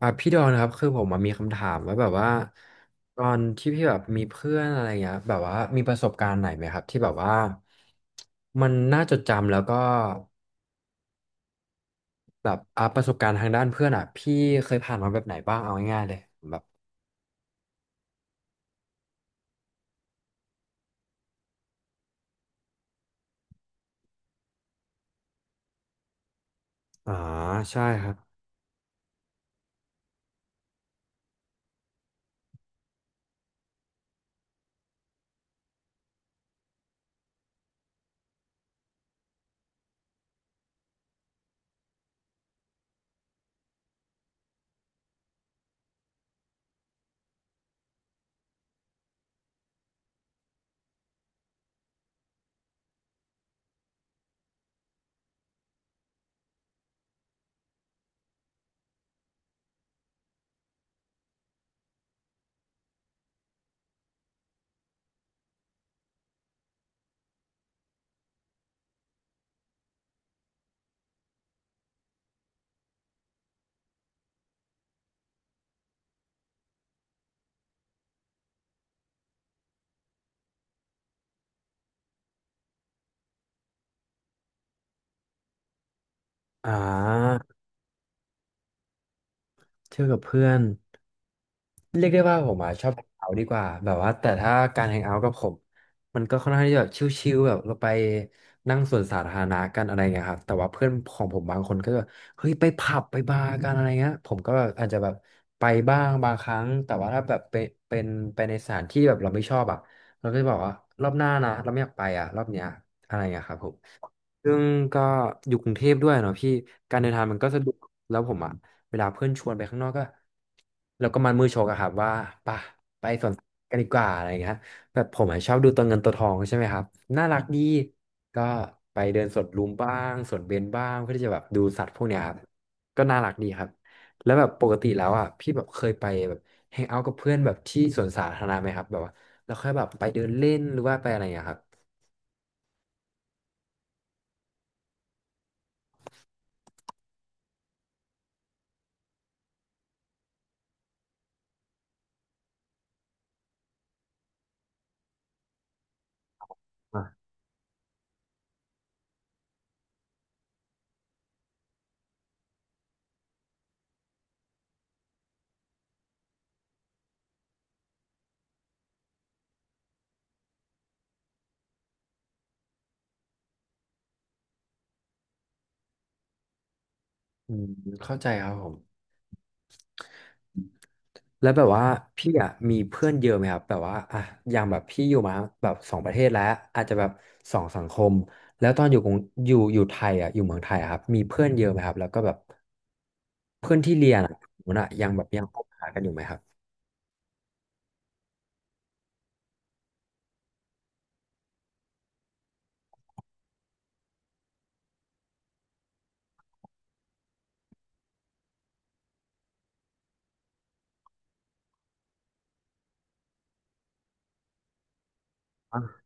อ่ะพี่ดอนครับคือผมอะมีคำถามว่าแบบว่าตอนที่พี่แบบมีเพื่อนอะไรเงี้ยแบบว่ามีประสบการณ์ไหนไหมครับที่แบบว่ามันน่าจดจำแล้วก็แบบอ่ะประสบการณ์ทางด้านเพื่อนอ่ะพี่เคยผ่านมาแบบไหนบ้างเอาง่ายๆเลยแบบอ่าใช่ครับอ่า เที่ยวกับเพื่อนเรียกได้ว่าผมอ่ะชอบแฮงเอาท์ดีกว่าแบบว่าแต่ถ้าการแฮงเอาท์กับผมมันก็ค่อนข้างที่จะแบบชิลๆแบบเราไปนั่งสวนสาธารณะกันอะไรเงี้ยครับแต่ว่าเพื่อนของผมบางคนก็จะแบบเฮ้ยไปผับไปบาร์กันอะไรเงี้ยผมก็แบบอาจจะแบบไปบ้างบางครั้งแต่ว่าถ้าแบบเป็นไปในสถานที่แบบเราไม่ชอบอ่ะเราก็จะบอกว่ารอบหน้านะเราไม่อยากไปอ่ะรอบเนี้ยอะไรเงี้ยครับผม ซึ่งก็อยู่กรุงเทพด้วยเนาะพี่การเดินทางมันก็สะดวกแล้วผมอะเวลาเพื่อนชวนไปข้างนอกก็เราก็มันมือชกอะครับว่าปะไปสวนสัตว์กันดีกว่าอะไรอย่างเงี้ยแบบผมอะชอบดูตัวเงินตัวทองใช่ไหมครับน่ารักดีก็ไปเดินสวนลุมบ้างสวนเบญบ้างเพื่อที่จะแบบดูสัตว์พวกเนี้ยครับก็น่ารักดีครับแล้วแบบปกติแล้วอ่ะพี่แบบเคยไปแบบแฮงเอาท์กับเพื่อนแบบที่สวนสาธารณะไหมครับแบบว่าแล้วค่อยแบบไปเดินเล่นหรือว่าไปอะไรอย่างเงี้ยครับอ่ะอืมเข้าใจครับผม แล้วแบบว่าพี่อ่ะมีเพื่อนเยอะไหมครับแบบว่าอ่ะอย่างแบบพี่อยู่มาแบบสองประเทศแล้วอาจจะแบบสองสังคมแล้วตอนอยู่กรุงอยู่ไทยอ่ะอยู่เมืองไทยอะครับมีเพื่อนเยอะไหมครับแล้วก็แบบเพื่อนที่เรียนอ่ะผมน่ะยังแบบยังคบหากันอยู่ไหมครับอ่ะ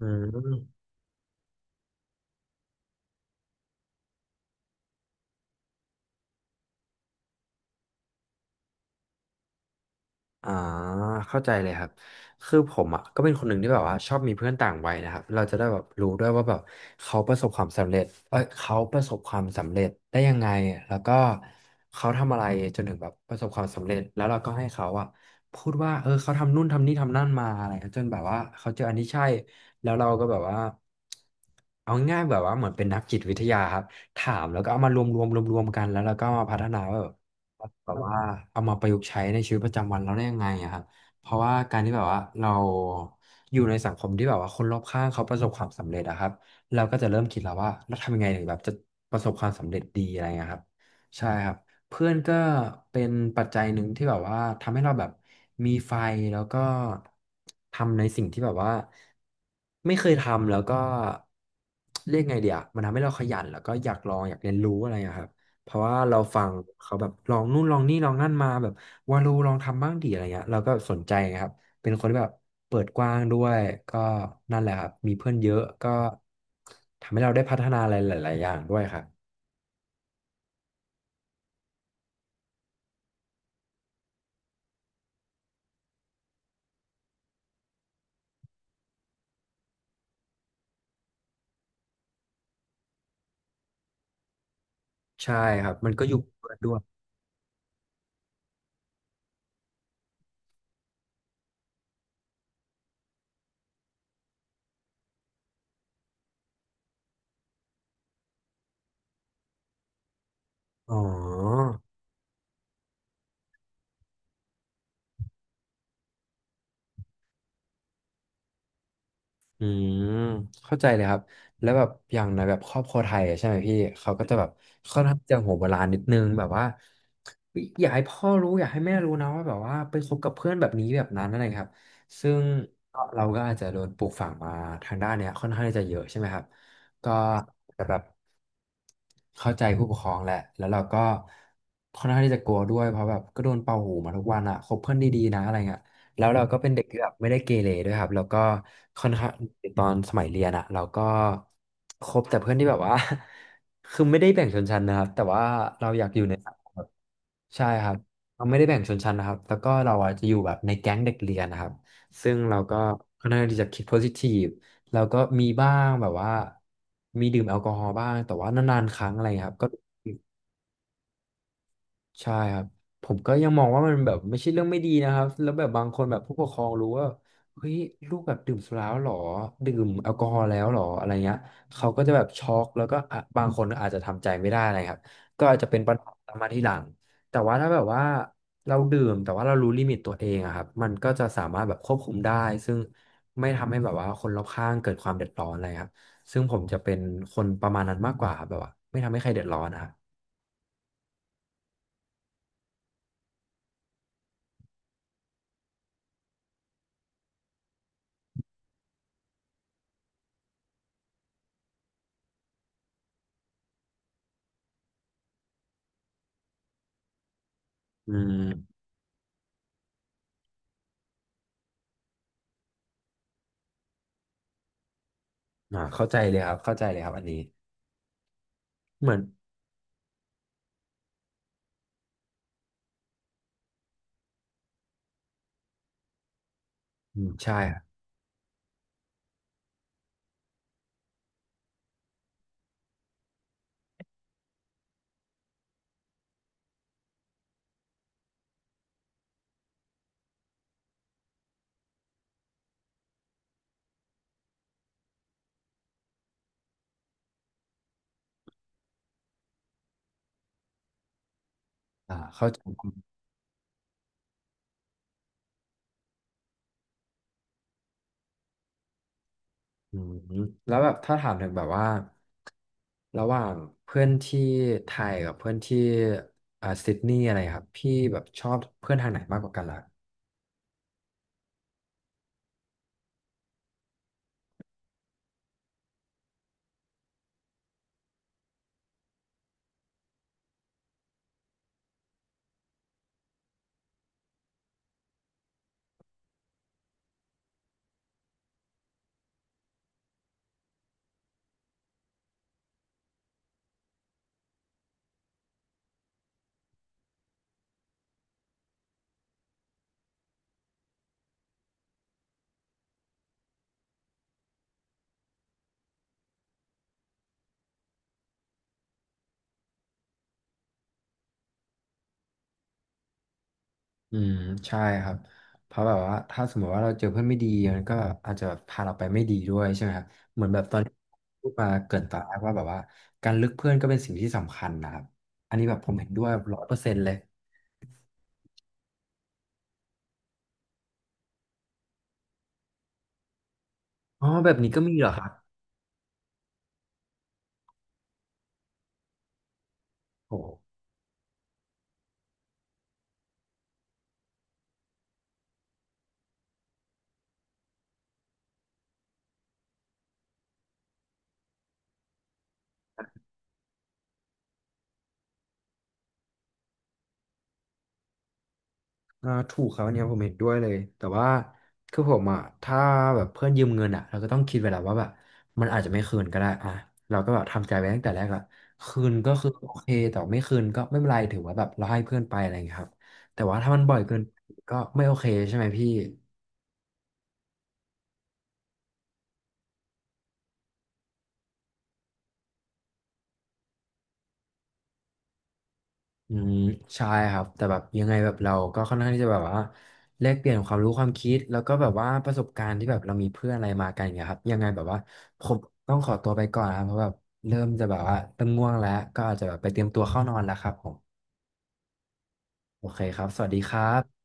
อืม อ่าเข้าใจเลยครับคือผมอ่ะก็เป็นคนหนึ่งที่แบบว่าชอบมีเพื่อนต่างวัยนะครับเราจะได้แบบรู้ด้วยว่าแบบเขาประสบความสำเร็จเอ้ยเขาประสบความสำเร็จได้ยังไงแล้วก็เขาทำอะไรจนถึงแบบประสบความสำเร็จแล้วเราก็ให้เขาอ่ะพูดว่าเออเขาทำนู่นทำนี่ทำนั่นมาอะไรเงี้ยจนแบบว่าเขาเจออันที่ใช่แล้วเราก็แบบว่าเอาง่ายๆแบบว่าเหมือนเป็นนักจิตวิทยาครับถามแล้วก็เอามารวมกันแล้วเราก็มาพัฒนาว่า แบบว่าเอามาประยุกต์ใช้ในชีวิตประจำวันเราได้ยังไงอะครับเพราะว่าการที่แบบว่าเราอยู่ในสังคมที่แบบว่าคนรอบข้างเขาประสบความสำเร็จอะครับเราก็จะเริ่มคิดแล้วว่าเราทำยังไงถึงแบบจะประสบความสำเร็จดีอะไรเงี้ยครับใช่ครับเพื่อนก็เป็นปัจจัยหนึ่งที่แบบว่าทำให้เราแบบมีไฟแล้วก็ทำในสิ่งที่แบบว่าไม่เคยทำแล้วก็เรียกไงเดียวมันทำให้เราขยันแล้วก็อยากลองอยากเรียนรู้อะไรอะครับ เพราะว่าเราฟังเขาแบบลองนู่นลองนี่ลองนั่นมาแบบวาโลลองทำบ้างดีอะไรเงี้ยเราก็สนใจครับเป็นคนที่แบบเปิดกว้างด้วยก็นั่นแหละครับมีเพื่อนเยอะก็ทำให้เราได้พัฒนาอะไรหลายๆอย่างด้วยครับใช่ครับมันก็อยู่กับเพื่อนด้วยอ๋อ อืมเข้าใจเลยครับแล้วแบบอย่างในแบบครอบครัวไทยอะใช่ไหมพี่เขาก็จะแบบค่อนข้างจะหัวโบราณนิดนึงแบบว่าอยากให้พ่อรู้อยากให้แม่รู้นะว่าแบบว่าไปคบกับเพื่อนแบบนี้แบบนั้นอะไรครับซึ่งก็เราก็อาจจะโดนปลูกฝังมาทางด้านเนี้ยค่อนข้างที่จะเยอะใช่ไหมครับก็แต่แบบเข้าใจผู้ปกครองแหละแล้วเราก็ค่อนข้างที่จะกลัวด้วยเพราะแบบก็โดนเป่าหูมาทุกวันอะคบเพื่อนดีๆนะอะไรเงี้ย แล้วเราก็เป็นเด็กที่แบบไม่ได้เกเรด้วยครับแล้วก็ค่อนข้างตอนสมัยเรียนอะเราก็คบแต่เพื่อนที่แบบว่า คือไม่ได้แบ่งชนชั้นนะครับแต่ว่าเราอยากอยู่ในสังคมแบบใช่ครับเราไม่ได้แบ่งชนชั้นนะครับแล้วก็เราอะจะอยู่แบบในแก๊งเด็กเรียนนะครับซึ่งเราก็ค่อนข้างที่จะคิดโพซิทีฟแล้วก็มีบ้างแบบว่ามีดื่มแอลกอฮอล์บ้างแต่ว่านานๆครั้งอะไรครับก็ ใช่ครับผมก็ยังมองว่ามันแบบไม่ใช่เรื่องไม่ดีนะครับแล้วแบบบางคนแบบผู้ปกครองรู้ว่าเฮ้ยลูกแบบดื่มสุราแล้วเหรอดื่มแอลกอฮอล์แล้วเหรออะไรเงี้ยเขาก็จะแบบช็อกแล้วก็อ่ะบางคนก็อาจจะทำใจไม่ได้นะครับก็อาจจะเป็นปัญหาตามมาทีหลังแต่ว่าถ้าแบบว่าเราดื่มแต่ว่าเรารู้ลิมิตตัวเองอะครับมันก็จะสามารถแบบควบคุมได้ซึ่งไม่ทำให้แบบว่าคนรอบข้างเกิดความเดือดร้อนอะไรครับซึ่งผมจะเป็นคนประมาณนั้นมากกว่าครับแบบว่าไม่ทำให้ใครเดือดร้อนนะครับอืม อ่าเข้าใจเลยครับเข้าใจเลยครับอันนี้เหมือนอืมใช่ครับเข้าใจครับอืมแล้วแบบถ้าถามถึงแบบว่าระหว่างเพื่อนที่ไทยกับเพื่อนที่ซิดนีย์อะไรครับพี่แบบชอบเพื่อนทางไหนมากกว่ากันล่ะอืมใช่ครับเพราะแบบว่าถ้าสมมติว่าเราเจอเพื่อนไม่ดีมันก็อาจจะพาเราไปไม่ดีด้วยใช่ไหมครับเหมือนแบบตอนที่พูดมาเกริ่นตอนแรกว่าแบบว่าการเลือกเพื่อนก็เป็นสิ่งที่สำคัญนะครับอันนี้แบบผมเห็นด้วยร้อยเปอร์เซ็นต์เลยอ๋อแบบนี้ก็มีเหรอครับ โอ้อ่าถูกครับอันเนี้ยผมเห็นด้วยเลย แต่ว่าคือผมอ่ะถ้าแบบเพื่อนยืมเงินอ่ะเราก็ต้องคิดไว้แล้วว่าแบบมันอาจจะไม่คืนก็ได้อ่ะเราก็แบบทำใจไว้ตั้งแต่แรกละคืนก็คือโอเคแต่ไม่คืนก็ไม่เป็นไรถือว่าแบบเราให้เพื่อนไปอะไรอย่างเงี้ยครับแต่ว่าถ้ามันบ่อยเกินก็ไม่โอเคใช่ไหมพี่ อืมใช่ครับแต่แบบยังไงแบบเราก็ค่อนข้างที่จะแบบว่าแลกเปลี่ยนความรู้ความคิดแล้วก็แบบว่าประสบการณ์ที่แบบเรามีเพื่อนอะไรมากันอย่างเงี้ยครับยังไงแบบว่าผมต้องขอตัวไปก่อนนะครับเพราะแบบเริ่มจะแบบว่าเริ่มง่วงแล้วก็อาจจะแบบไปเตรียมตัวเข้านอนแล้วครับผมโอเคครับสวัสดีครับ